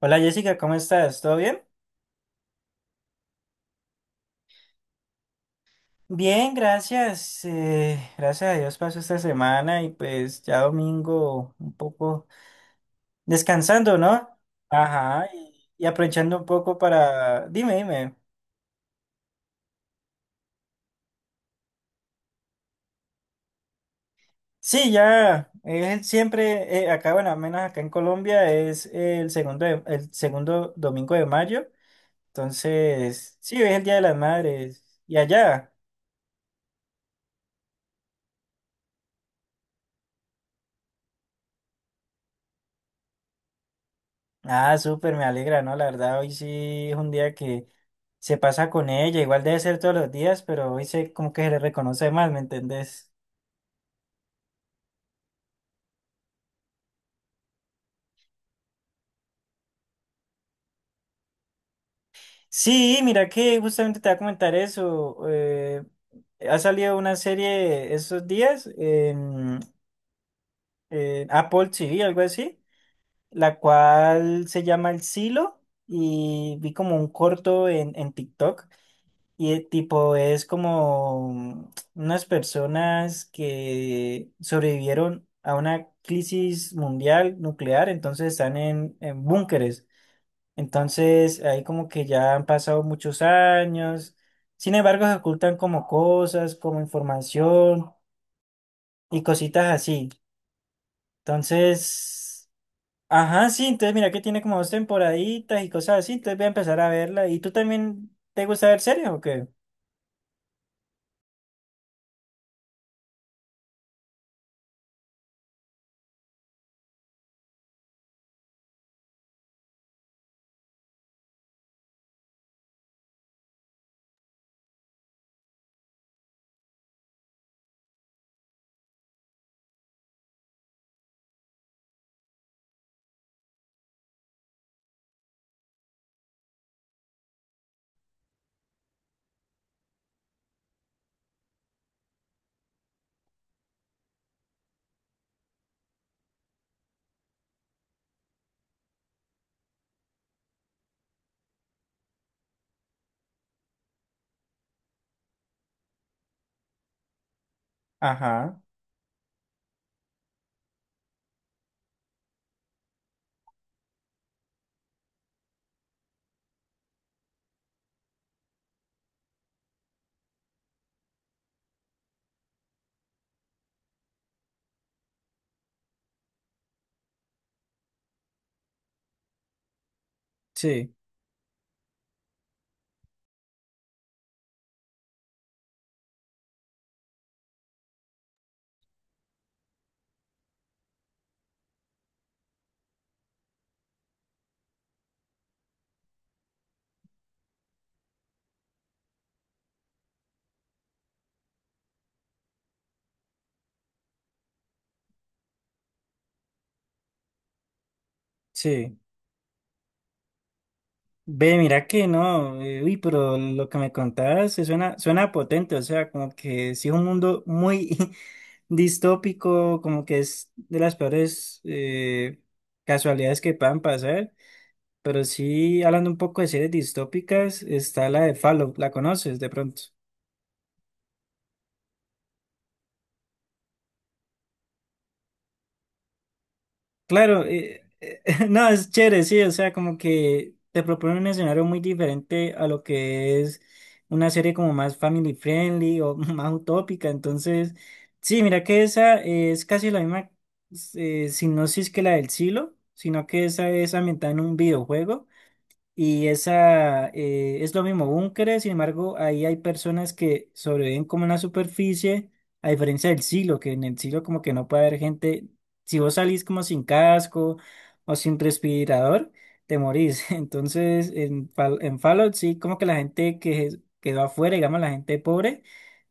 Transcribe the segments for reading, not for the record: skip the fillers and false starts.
Hola Jessica, ¿cómo estás? ¿Todo bien? Bien, gracias. Gracias a Dios pasó esta semana y pues ya domingo un poco descansando, ¿no? Ajá, y aprovechando un poco para. Dime, dime. Sí, ya, siempre, acá, bueno, al menos acá en Colombia es el segundo domingo de mayo. Entonces, sí, es el Día de las Madres. ¿Y allá? Ah, súper, me alegra, ¿no? La verdad, hoy sí es un día que se pasa con ella, igual debe ser todos los días, pero hoy se como que se le reconoce más, ¿me entendés? Sí, mira que justamente te voy a comentar eso. Ha salido una serie esos días en Apple TV, algo así, la cual se llama El Silo y vi como un corto en TikTok. Y tipo es como unas personas que sobrevivieron a una crisis mundial nuclear, entonces están en búnkeres. Entonces ahí como que ya han pasado muchos años. Sin embargo, se ocultan como cosas, como información y cositas así. Entonces, ajá, sí, entonces mira que tiene como dos temporaditas y cosas así, entonces voy a empezar a verla. ¿Y tú también te gusta ver series o qué? Ajá, sí, sí. Ve, mira que no, uy, pero lo que me contabas suena potente, o sea, como que sí es un mundo muy distópico, como que es de las peores casualidades que puedan pasar, pero sí, hablando un poco de series distópicas, está la de Fallout, ¿la conoces de pronto? Claro, no, es chévere, sí, o sea, como que te propone un escenario muy diferente a lo que es una serie como más family friendly o más utópica, entonces, sí, mira que esa es casi la misma sinopsis que la del Silo, sino que esa es ambientada en un videojuego. Y esa es lo mismo, búnkeres, sin embargo, ahí hay personas que sobreviven como en la superficie, a diferencia del silo, que en el silo como que no puede haber gente, si vos salís como sin casco o sin respirador, te morís. Entonces, en Fallout sí, como que la gente que quedó afuera, digamos la gente pobre,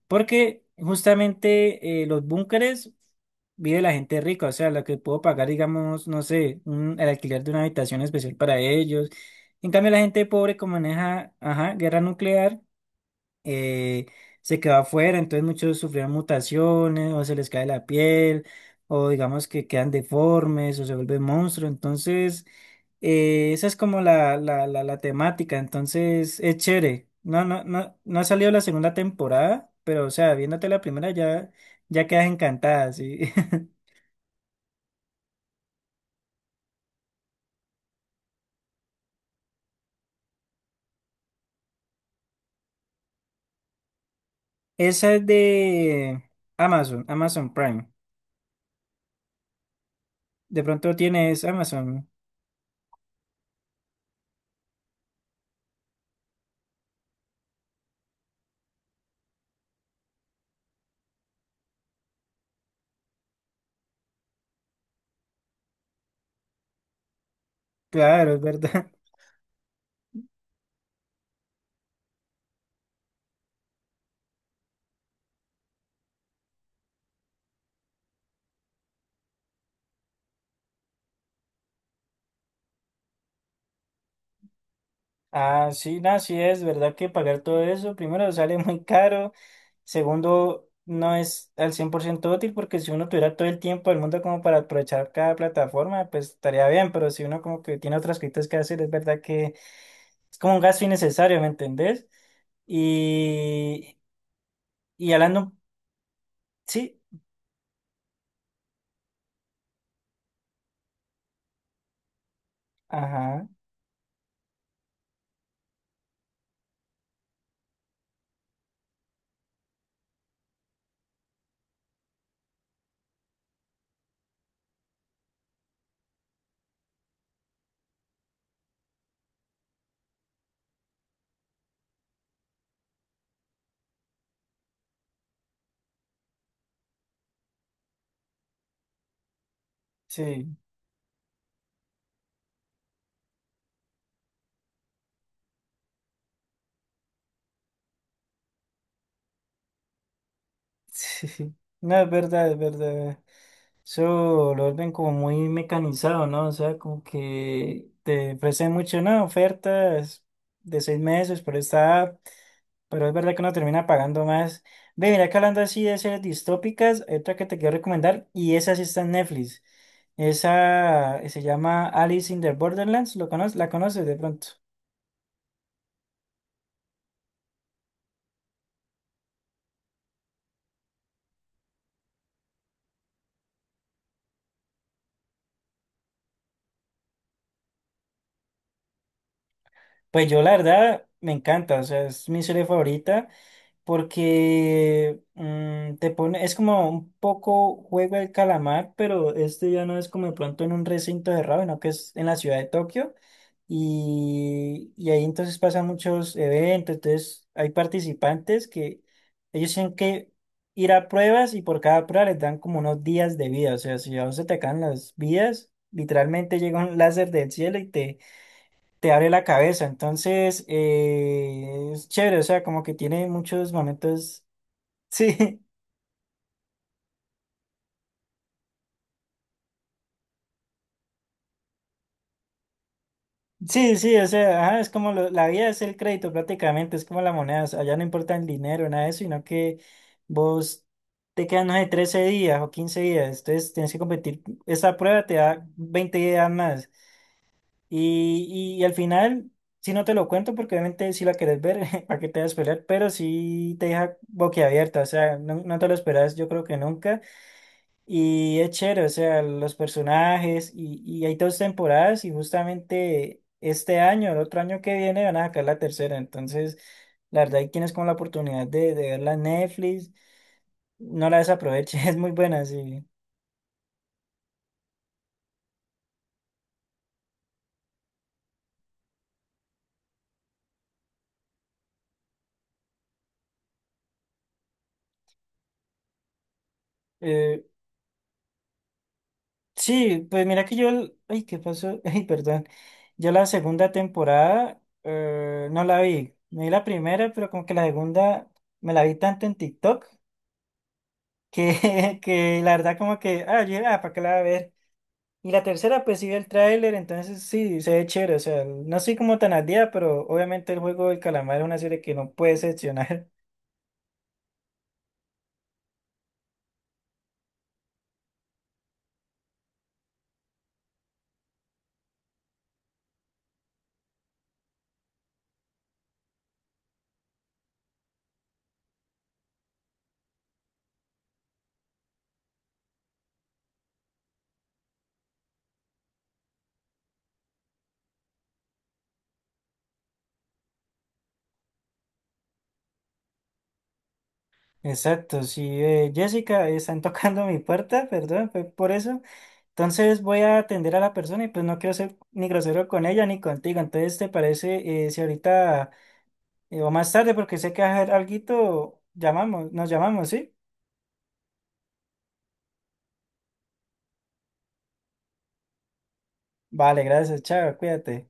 porque justamente los búnkeres vive la gente rica, o sea, la que puedo pagar, digamos, no sé, el alquiler de una habitación especial para ellos. En cambio, la gente pobre, como maneja, ajá, guerra nuclear eh, se quedó afuera, entonces muchos sufrieron mutaciones o se les cae la piel o digamos que quedan deformes o se vuelven monstruos, entonces esa es como la temática, entonces es chévere. No, no, no, no ha salido la segunda temporada, pero o sea, viéndote la primera ya, ya quedas encantada, sí. Esa es de Amazon, Amazon Prime. De pronto tienes Amazon, claro, es verdad. Ah, sí, no, sí es verdad que pagar todo eso, primero sale muy caro, segundo no es al 100% útil porque si uno tuviera todo el tiempo del mundo como para aprovechar cada plataforma, pues estaría bien, pero si uno como que tiene otras cosas que hacer, es verdad que es como un gasto innecesario, ¿me entendés? Y, y hablando, sí, ajá, sí, sí, no, es verdad, es verdad. Eso lo ven como muy mecanizado, ¿no? O sea, como que te ofrecen mucho, ¿no? Ofertas de seis meses por esta app, pero es verdad que uno termina pagando más. Ve, mira que hablando así de series distópicas, hay otra que te quiero recomendar, y esa sí está en Netflix. Esa se llama Alice in the Borderlands, ¿lo conoces? ¿La conoces de pronto? Pues yo la verdad me encanta, o sea, es mi serie favorita. Porque te pone, es como un poco juego del calamar, pero este ya no es como de pronto en un recinto cerrado, sino que es en la ciudad de Tokio. Y ahí entonces pasan muchos eventos, entonces hay participantes que ellos tienen que ir a pruebas y por cada prueba les dan como unos días de vida, o sea, si a vos se te caen las vidas, literalmente llega un láser del cielo y te abre la cabeza. Entonces, es chévere, o sea, como que tiene muchos momentos. Sí, sí, sí, o sea, ajá, es como la vida es el crédito prácticamente, es como la moneda, o sea, allá no importa el dinero, nada de eso, sino que vos te quedan, no sé, 13 días o 15 días, entonces tienes que competir. Esta prueba te da 20 días más. Y, y al final, si no te lo cuento, porque obviamente si la querés ver, para que te vas a esperar, pero sí te deja boquiabierta, o sea, no, no te lo esperas, yo creo que nunca. Y es chévere, o sea, los personajes y hay dos temporadas y justamente este año, el otro año que viene van a sacar la tercera. Entonces, la verdad, hay quienes con la oportunidad de verla en Netflix, no la desaproveche, es muy buena, sí. Eh, sí, pues mira que yo, ay, ¿qué pasó? Ay, perdón. Yo la segunda temporada no la vi. Me vi la primera, pero como que la segunda me la vi tanto en TikTok que, que la verdad como que, ah, yo, ah, ¿para qué la voy a ver? Y la tercera, pues sí vi el tráiler, entonces sí, se ve chévere, o sea, no soy como tan al día, pero obviamente el juego del calamar es una serie que no puede excepcionar. Exacto, sí, Jessica, están tocando mi puerta, perdón, fue por eso. Entonces voy a atender a la persona y pues no quiero ser ni grosero con ella ni contigo. Entonces, ¿te parece si ahorita o más tarde, porque sé que vas a hacer alguito, nos llamamos, ¿sí? Vale, gracias, chao, cuídate.